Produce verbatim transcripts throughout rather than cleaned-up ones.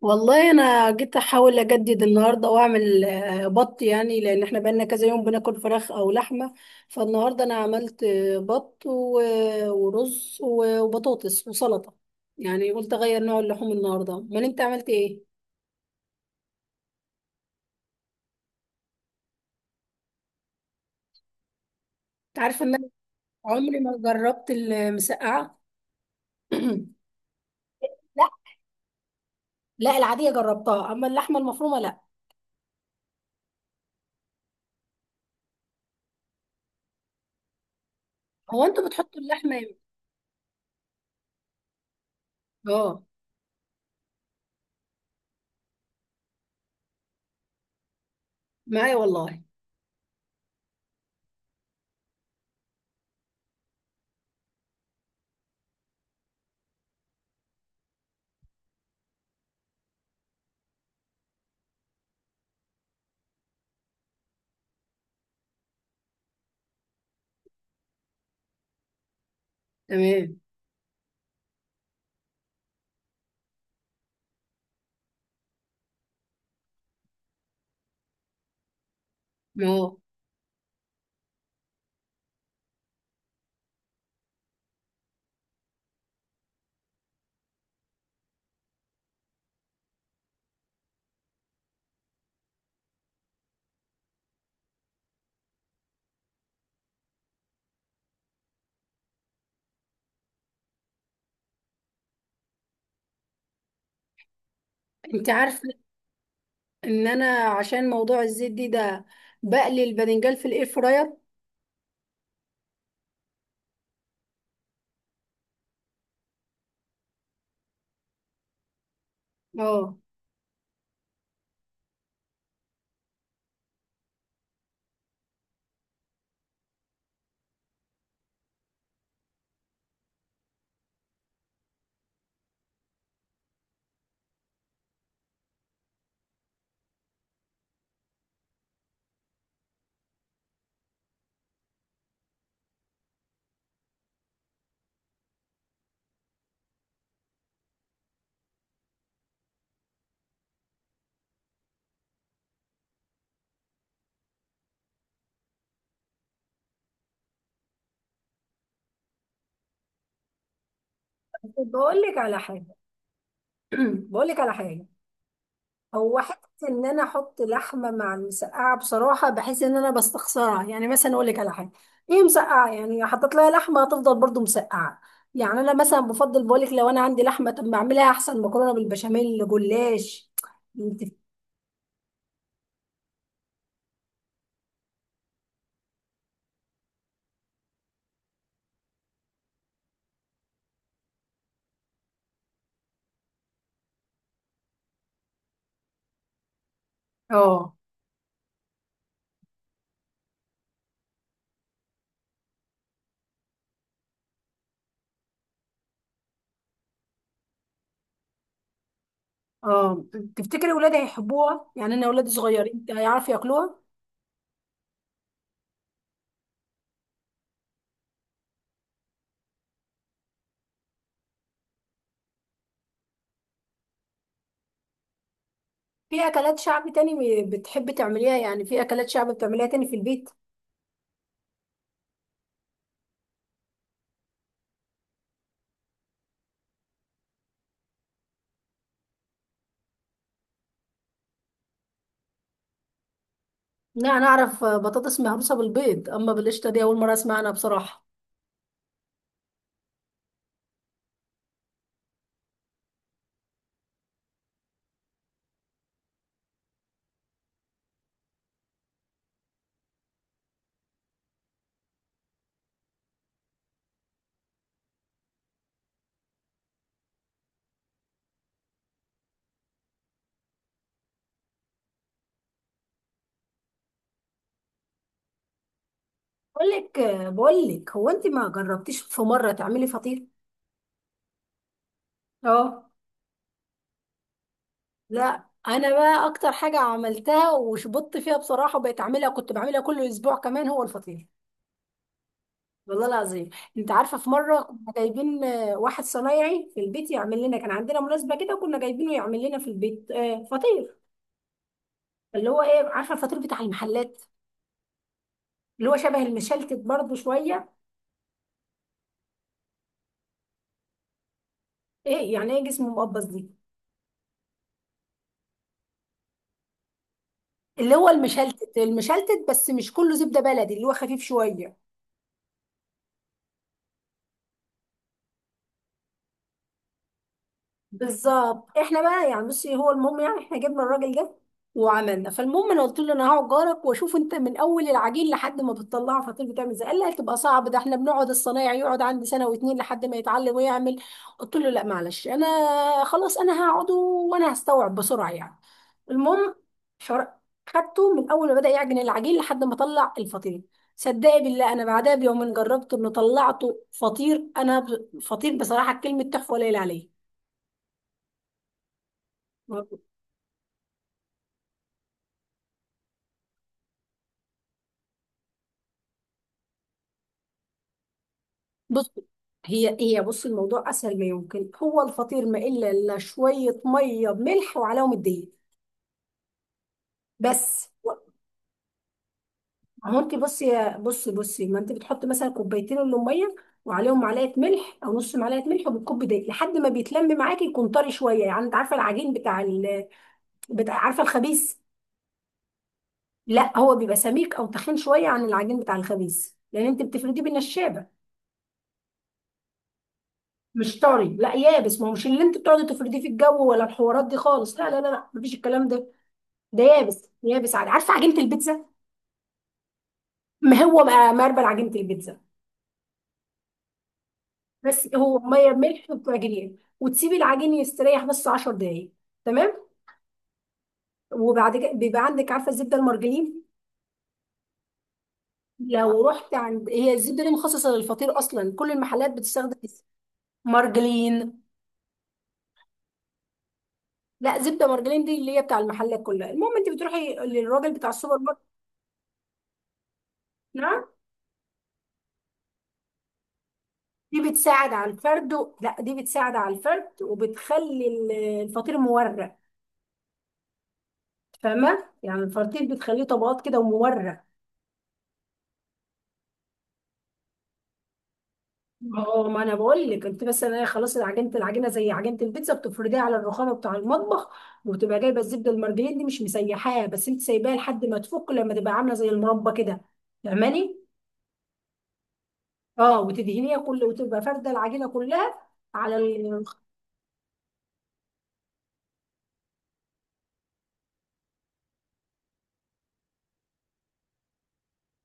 والله انا جيت احاول اجدد النهارده واعمل آه، بط، يعني لان احنا بقالنا كذا يوم بناكل فراخ او لحمه. فالنهارده انا عملت آه، بط و- ورز و- وبطاطس وسلطه. يعني قلت اغير نوع اللحوم النهارده، امال انت عملت ايه؟ انت عارفه ان انا عمري ما جربت المسقعه. لا، لا العاديه جربتها اما اللحمه المفرومه لا. هو انتوا بتحطوا اللحمه امتى؟ اه. معايا والله. تمام. اه. انت عارفه ان انا عشان موضوع الزيت دي ده بقلي الباذنجان في الاير فراير. اه. بقول لك على حاجه. بقول لك على حاجه، هو حته ان انا احط لحمه مع المسقعه بصراحه بحس ان انا بستخسرها. يعني مثلا اقول لك على حاجه: ايه مسقعه يعني حطيت لها لحمه، هتفضل برضو مسقعه. يعني انا مثلا بفضل بقول لك لو انا عندي لحمه طب ما اعملها احسن مكرونه بالبشاميل جلاش. انت. اه، اه. تفتكري ولادي هيحبوها؟ يعني انا ولادي صغيرين، هيعرفوا ياكلوها؟ في اكلات شعب تاني بتحب تعمليها؟ يعني في اكلات شعب بتعمليها تاني في البيت؟ لا، انا اعرف بطاطس مهروسه بالبيض اما بالقشطه دي اول مره اسمع عنها بصراحه. بقول لك بقول لك، هو انت ما جربتيش في مره تعملي فطير؟ اه. لا، انا بقى اكتر حاجه عملتها وشبطت فيها بصراحه بقيت اعملها، كنت بعملها كل اسبوع كمان، هو الفطير. والله العظيم. انت عارفه في مره كنا جايبين آه، واحد صنايعي في البيت يعمل لنا، كان عندنا مناسبه كده وكنا جايبينه يعمل لنا في البيت آه، فطير. اللي هو ايه، عارفه الفطير بتاع المحلات؟ اللي هو شبه المشلتت برضه شويه. ايه يعني ايه جسمه مقبض دي؟ اللي هو المشلتت، المشلتت بس مش كله زبده بلدي، اللي هو خفيف شويه. بالظبط. احنا بقى يعني بصي، هو المهم يعني احنا جبنا الراجل ده وعملنا، فالمهم انا قلت له انا هقعد جارك واشوف انت من اول العجين لحد ما بتطلعه فطير بتعمل ازاي. قال لي هتبقى صعب، ده احنا بنقعد الصنايعي يقعد عندي سنه واتنين لحد ما يتعلم ويعمل. قلت له لا معلش، انا خلاص انا هقعد وانا هستوعب بسرعه يعني. المهم حر- خدته من اول ما بدا يعجن العجين لحد ما طلع الفطير. صدقي بالله انا بعدها بيومين جربته انه طلعته فطير، انا ب- فطير بصراحه كلمه تحفه قليل عليه. بص، هي هي، بص، الموضوع اسهل ما يمكن. هو الفطير ما الا الا شويه ميه بملح وعليهم الدقيق بس. ما هو انت بصي بصي بصي، ما انت بتحطي مثلا كوبايتين من الميه وعليهم معلقه ملح او نص معلقه ملح وبتكب دقيق لحد ما بيتلم معاكي، يكون طري شويه يعني. انت عارفه العجين بتاع ال... بتاع عارفه الخبيث؟ لا، هو بيبقى سميك او تخين شويه عن العجين بتاع الخبيث لان انت بتفرديه بالنشابه. مش طري، لا يابس. ما هو مش اللي انت بتقعدي تفرديه في الجو ولا الحوارات دي خالص، لا لا لا لا مفيش الكلام ده. ده يابس، يابس عادي، عارفه عجينه البيتزا؟ ما هو بقى مربل عجينه البيتزا. بس هو ميه ملح وتعجنيه وتسيبي العجين يستريح بس 10 دقايق. تمام وبعد كده بيبقى عندك، عارفه الزبده المرجلين؟ لو رحت عند، هي الزبده دي مخصصه للفطير اصلا، كل المحلات بتستخدم اسم مرجلين. لا، زبده مرجلين دي اللي هي بتاع المحلات كلها. المهم انت بتروحي للراجل بتاع السوبر ماركت. نعم. دي بتساعد على الفرد و... لا، دي بتساعد على الفرد وبتخلي ال- الفطير مورق. فاهمه، يعني الفراتيل بتخليه طبقات كده ومورق. اه، ما انا بقول لك انت بس، انا خلاص. العجينه العجينه زي عجينه البيتزا بتفرديها على الرخامه بتاع المطبخ. وبتبقى جايبه الزبده المرجلين دي مش مسيحاها بس، انت سايباها لحد ما تفك، لما تبقى عامله زي المربى كده، فاهماني؟ اه، وتدهنيها كل وتبقى فارده العجينه كلها على ال...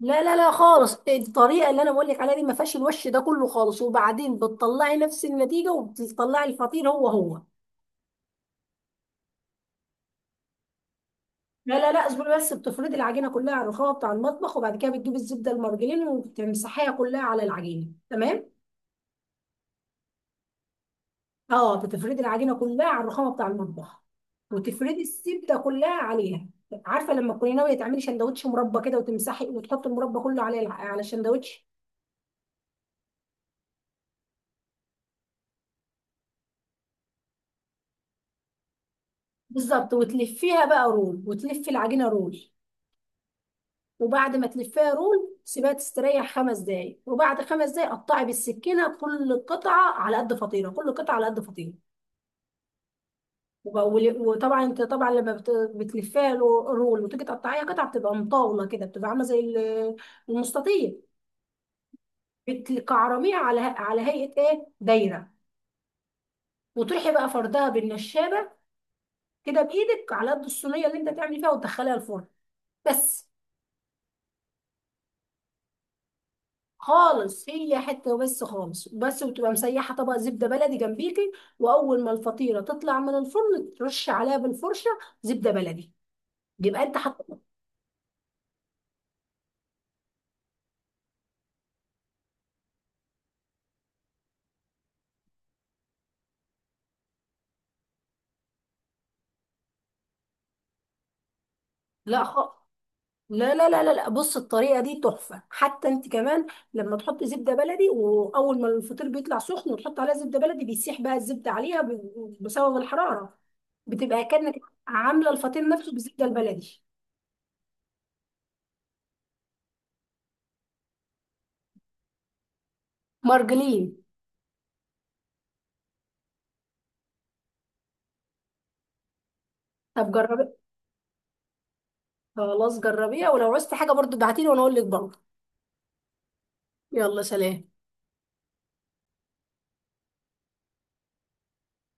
لا لا لا خالص، الطريقه اللي انا بقول لك عليها دي ما فيهاش الوش ده كله خالص، وبعدين بتطلعي نفس النتيجه وبتطلعي الفطير هو هو. لا لا لا اصبري بس، بتفردي العجينه كلها على الرخامه بتاع المطبخ وبعد كده بتجيبي الزبده المرجلين وتمسحيها كلها على العجينه. تمام. اه، بتفردي العجينه كلها على الرخامه بتاع المطبخ وتفردي الزبده كلها عليها. عارفه لما تكوني ناويه تعملي شندوتش مربى كده وتمسحي وتحطي المربى كله على الع- على الشندوتش؟ بالظبط. وتلفيها بقى رول، وتلفي العجينه رول. وبعد ما تلفيها رول سيبها تستريح خمس دقايق، وبعد خمس دقايق قطعي بالسكينه كل قطعه على قد فطيره، كل قطعه على قد فطيره. وبقى- ول- وطبعا انت طبعا لما بت- بتلفيها رو- رول وتيجي تقطعيها قطع بتبقى مطاوله كده، بتبقى عامله زي ال- المستطيل. بتكعرميها على على هيئه ايه، دايره. وتروحي بقى فردها بالنشابه كده بايدك على قد الصينيه اللي انت تعملي فيها وتدخليها الفرن بس. خالص، هي حته وبس خالص بس، وتبقى مسيحه طبق زبده بلدي جنبيكي، واول ما الفطيره تطلع من الفرن ترش عليها بالفرشه زبده بلدي، يبقى انت حط. لا خالص، لا لا لا لا لا، بص الطريقه دي تحفه حتى انت كمان، لما تحط زبده بلدي واول ما الفطير بيطلع سخن وتحط عليها زبده بلدي بيسيح بقى الزبده عليها ب- بسبب الحراره، بتبقى كانك عامله الفطير نفسه بالزبده البلدي. مرجلين. طب جربي. خلاص جربيها، ولو عوزتي حاجه برضو ابعتيلي وانا اقول لك برضه. يلا سلام.